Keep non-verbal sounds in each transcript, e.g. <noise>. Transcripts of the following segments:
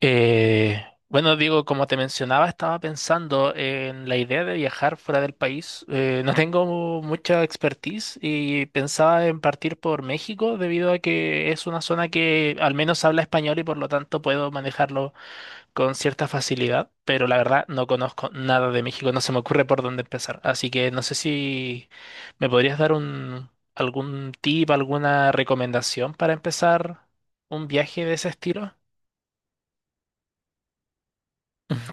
Eh, bueno, digo, como te mencionaba, estaba pensando en la idea de viajar fuera del país. No tengo mucha expertise y pensaba en partir por México debido a que es una zona que al menos habla español y por lo tanto puedo manejarlo con cierta facilidad. Pero la verdad no conozco nada de México, no se me ocurre por dónde empezar. Así que no sé si me podrías dar algún tip, alguna recomendación para empezar un viaje de ese estilo.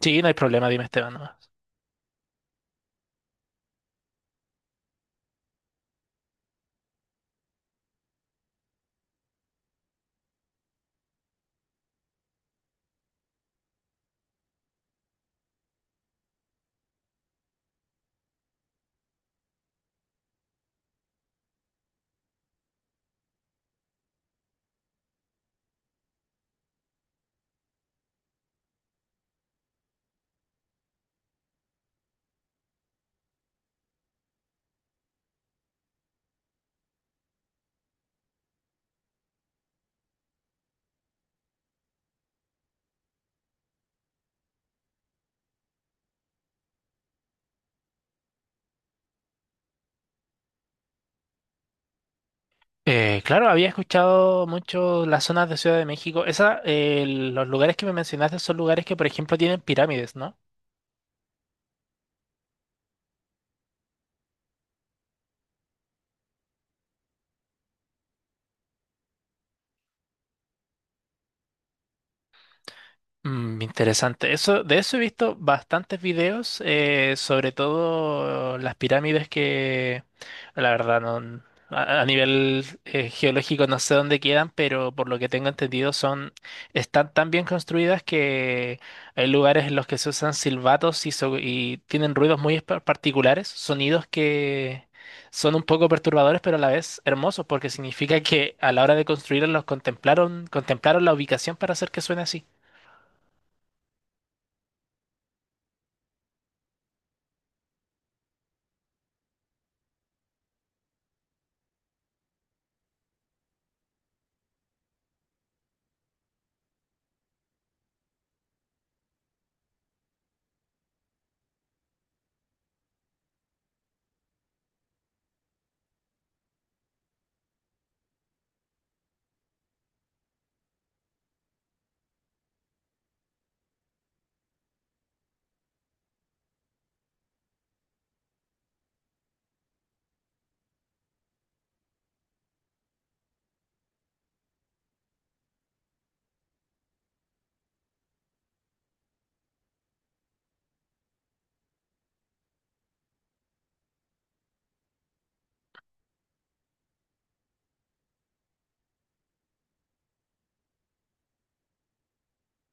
Sí, no hay problema, dime Esteban nomás. Claro, había escuchado mucho las zonas de Ciudad de México. Los lugares que me mencionaste son lugares que, por ejemplo, tienen pirámides, ¿no? Interesante. Eso, de eso he visto bastantes videos, sobre todo las pirámides que, la verdad, no, a nivel geológico no sé dónde quedan, pero por lo que tengo entendido son, están tan bien construidas que hay lugares en los que se usan silbatos y, y tienen ruidos muy particulares, sonidos que son un poco perturbadores, pero a la vez hermosos, porque significa que a la hora de construirlos los contemplaron la ubicación para hacer que suene así.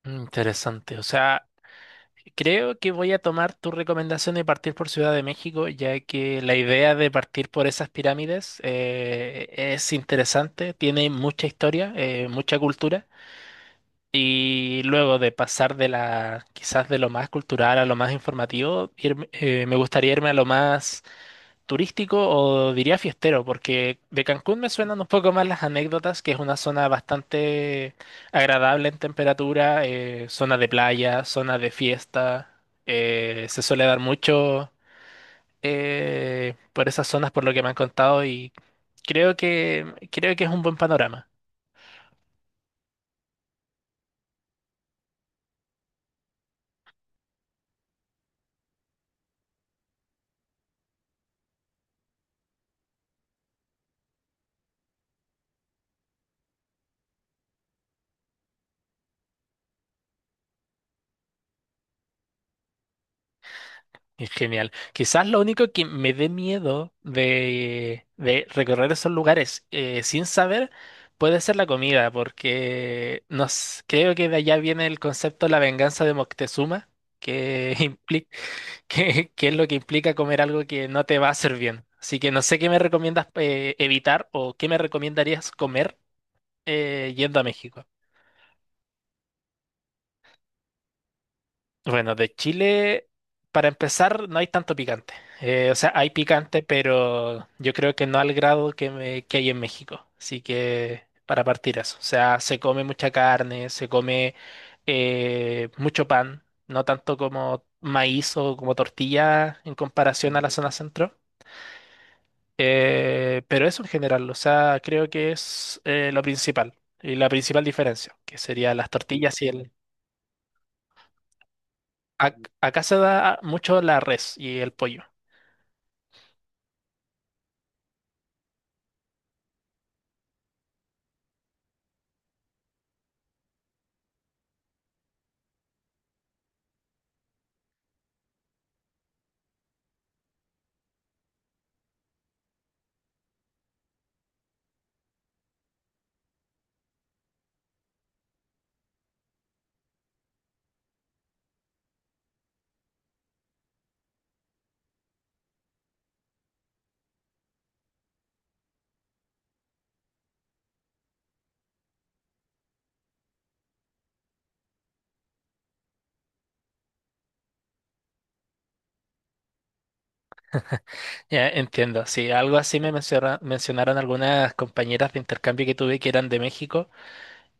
Interesante. O sea, creo que voy a tomar tu recomendación de partir por Ciudad de México, ya que la idea de partir por esas pirámides es interesante, tiene mucha historia, mucha cultura, y luego de pasar de la, quizás de lo más cultural a lo más informativo, me gustaría irme a lo más turístico o diría fiestero, porque de Cancún me suenan un poco más las anécdotas, que es una zona bastante agradable en temperatura, zona de playa, zona de fiesta, se suele dar mucho por esas zonas por lo que me han contado y creo que creo que es un buen panorama. Es genial. Quizás lo único que me dé miedo de recorrer esos lugares sin saber puede ser la comida, porque creo que de allá viene el concepto de la venganza de Moctezuma, que, <laughs> que es lo que implica comer algo que no te va a hacer bien. Así que no sé qué me recomiendas evitar o qué me recomendarías comer yendo a México. Bueno, de Chile, para empezar, no hay tanto picante. O sea, hay picante, pero yo creo que no al grado que hay en México. Así que, para partir eso. O sea, se come mucha carne, se come mucho pan, no tanto como maíz o como tortilla en comparación a la zona centro. Pero eso en general, o sea, creo que es lo principal y la principal diferencia, que sería las tortillas y el... Acá se da mucho la res y el pollo. Ya, entiendo, sí, algo así me mencionaron algunas compañeras de intercambio que tuve que eran de México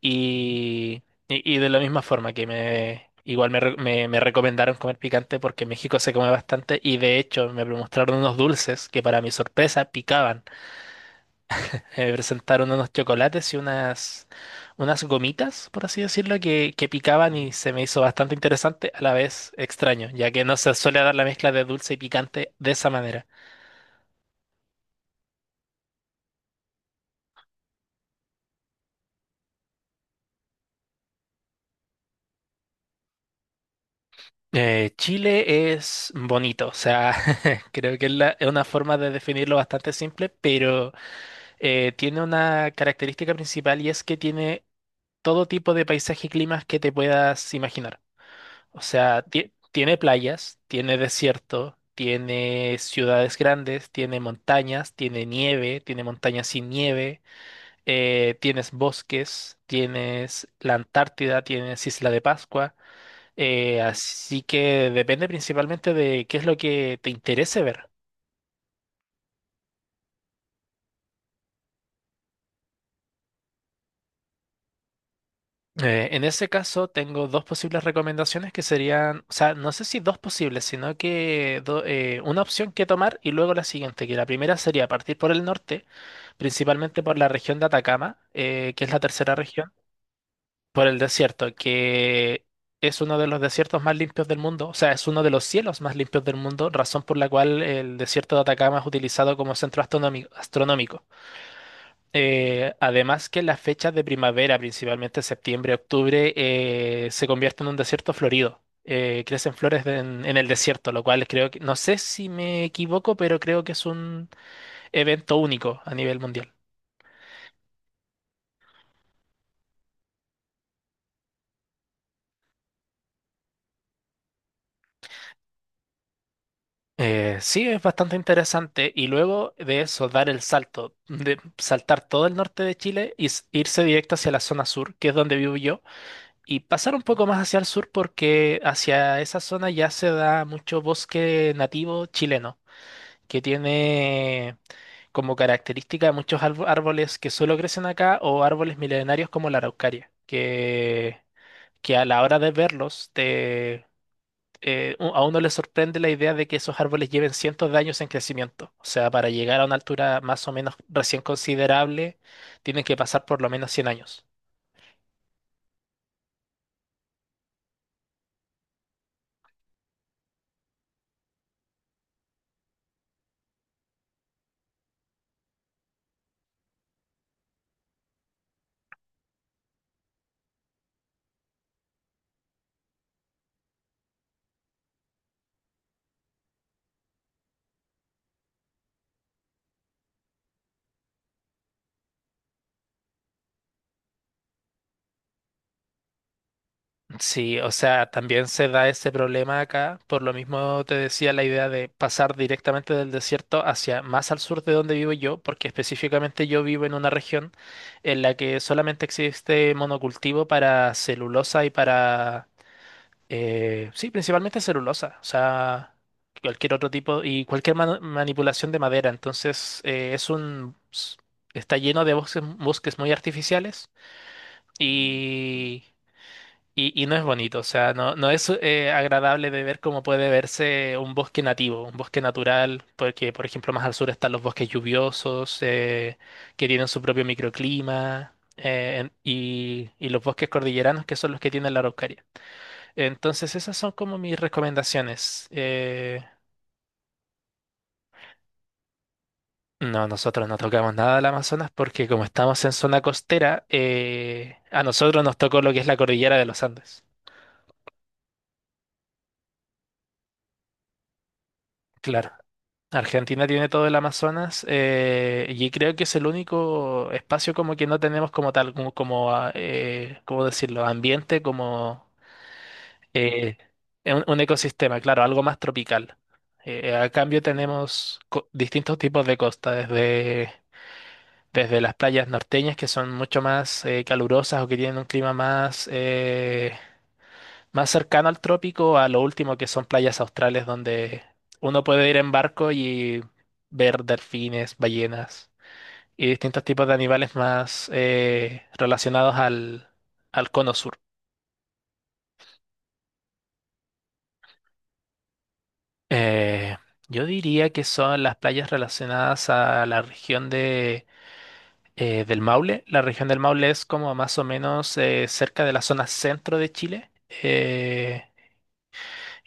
y, y de la misma forma que me igual me, re- me recomendaron comer picante porque en México se come bastante y de hecho me mostraron unos dulces que para mi sorpresa picaban. Me presentaron unos chocolates y unas gomitas, por así decirlo, que picaban y se me hizo bastante interesante, a la vez extraño, ya que no se suele dar la mezcla de dulce y picante de esa manera. Chile es bonito, o sea, <laughs> creo que es una forma de definirlo bastante simple, pero tiene una característica principal y es que tiene todo tipo de paisaje y climas que te puedas imaginar. O sea, tiene playas, tiene desierto, tiene ciudades grandes, tiene montañas, tiene nieve, tiene montañas sin nieve, tienes bosques, tienes la Antártida, tienes Isla de Pascua. Así que depende principalmente de qué es lo que te interese ver. En ese caso, tengo dos posibles recomendaciones que serían, o sea, no sé si dos posibles, sino que una opción que tomar y luego la siguiente, que la primera sería partir por el norte, principalmente por la región de Atacama, que es la tercera región, por el desierto, que es uno de los desiertos más limpios del mundo, o sea, es uno de los cielos más limpios del mundo, razón por la cual el desierto de Atacama es utilizado como centro astronómico. Además que las fechas de primavera, principalmente septiembre, octubre, se convierten en un desierto florido. Crecen flores en el desierto, lo cual creo que, no sé si me equivoco, pero creo que es un evento único a nivel mundial. Sí, es bastante interesante. Y luego de eso, dar el salto, de saltar todo el norte de Chile y irse directo hacia la zona sur, que es donde vivo yo, y pasar un poco más hacia el sur porque hacia esa zona ya se da mucho bosque nativo chileno, que tiene como característica muchos árboles que solo crecen acá o árboles milenarios como la araucaria, que a la hora de verlos a uno le sorprende la idea de que esos árboles lleven cientos de años en crecimiento. O sea, para llegar a una altura más o menos recién considerable, tienen que pasar por lo menos 100 años. Sí, o sea, también se da ese problema acá. Por lo mismo te decía la idea de pasar directamente del desierto hacia más al sur de donde vivo yo, porque específicamente yo vivo en una región en la que solamente existe monocultivo para celulosa y para... sí, principalmente celulosa, o sea, cualquier otro tipo y cualquier manipulación de madera. Entonces, está lleno de bosques, bosques muy artificiales. Mm. Y no es bonito, o sea, no, no es agradable de ver cómo puede verse un bosque nativo, un bosque natural, porque por ejemplo más al sur están los bosques lluviosos, que tienen su propio microclima, y los bosques cordilleranos, que son los que tienen la Araucaria. Entonces esas son como mis recomendaciones. No, nosotros no tocamos nada del Amazonas porque como estamos en zona costera, a nosotros nos tocó lo que es la cordillera de los Andes. Claro. Argentina tiene todo el Amazonas y creo que es el único espacio como que no tenemos como tal, ¿cómo decirlo? Ambiente, como eh, un ecosistema, claro, algo más tropical. A cambio tenemos distintos tipos de costa, desde, desde las playas norteñas que son mucho más calurosas o que tienen un clima más cercano al trópico a lo último que son playas australes donde uno puede ir en barco y ver delfines, ballenas y distintos tipos de animales más relacionados al, al cono sur. Eh, yo diría que son las playas relacionadas a la región del Maule. La región del Maule es como más o menos cerca de la zona centro de Chile. Eh,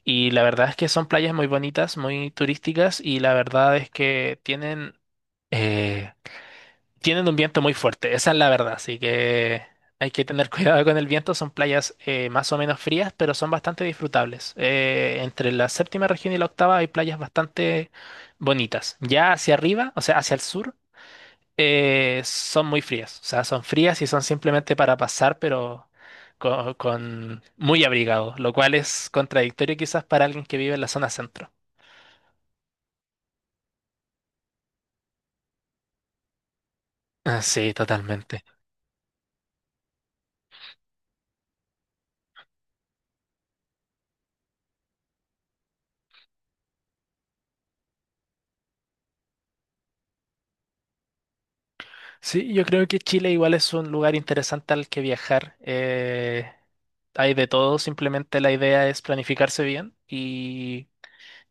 y la verdad es que son playas muy bonitas, muy turísticas y la verdad es que Eh, tienen un viento muy fuerte, esa es la verdad, así que hay que tener <laughs> cuidado con el viento. Son playas más o menos frías, pero son bastante disfrutables. Entre la séptima región y la octava hay playas bastante bonitas. Ya hacia arriba, o sea, hacia el sur, son muy frías. O sea, son frías y son simplemente para pasar, pero muy abrigado, lo cual es contradictorio quizás para alguien que vive en la zona centro. Ah, sí, totalmente. Sí, yo creo que Chile igual es un lugar interesante al que viajar. Hay de todo, simplemente la idea es planificarse bien y,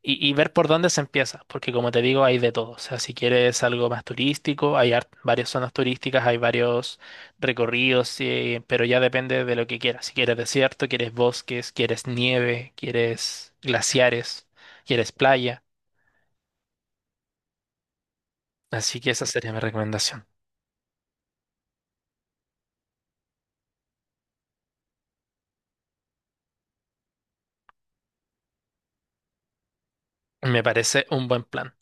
y- y ver por dónde se empieza, porque como te digo, hay de todo. O sea, si quieres algo más turístico, hay varias zonas turísticas, hay varios recorridos, pero ya depende de lo que quieras. Si quieres desierto, quieres bosques, quieres nieve, quieres glaciares, quieres playa. Así que esa sería mi recomendación. Me parece un buen plan.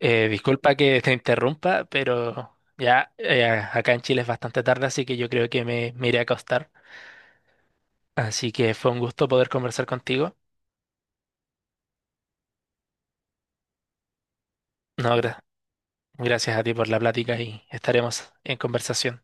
Disculpa que te interrumpa, pero ya acá en Chile es bastante tarde, así que yo creo que me iré a acostar. Así que fue un gusto poder conversar contigo. No, gracias a ti por la plática y estaremos en conversación.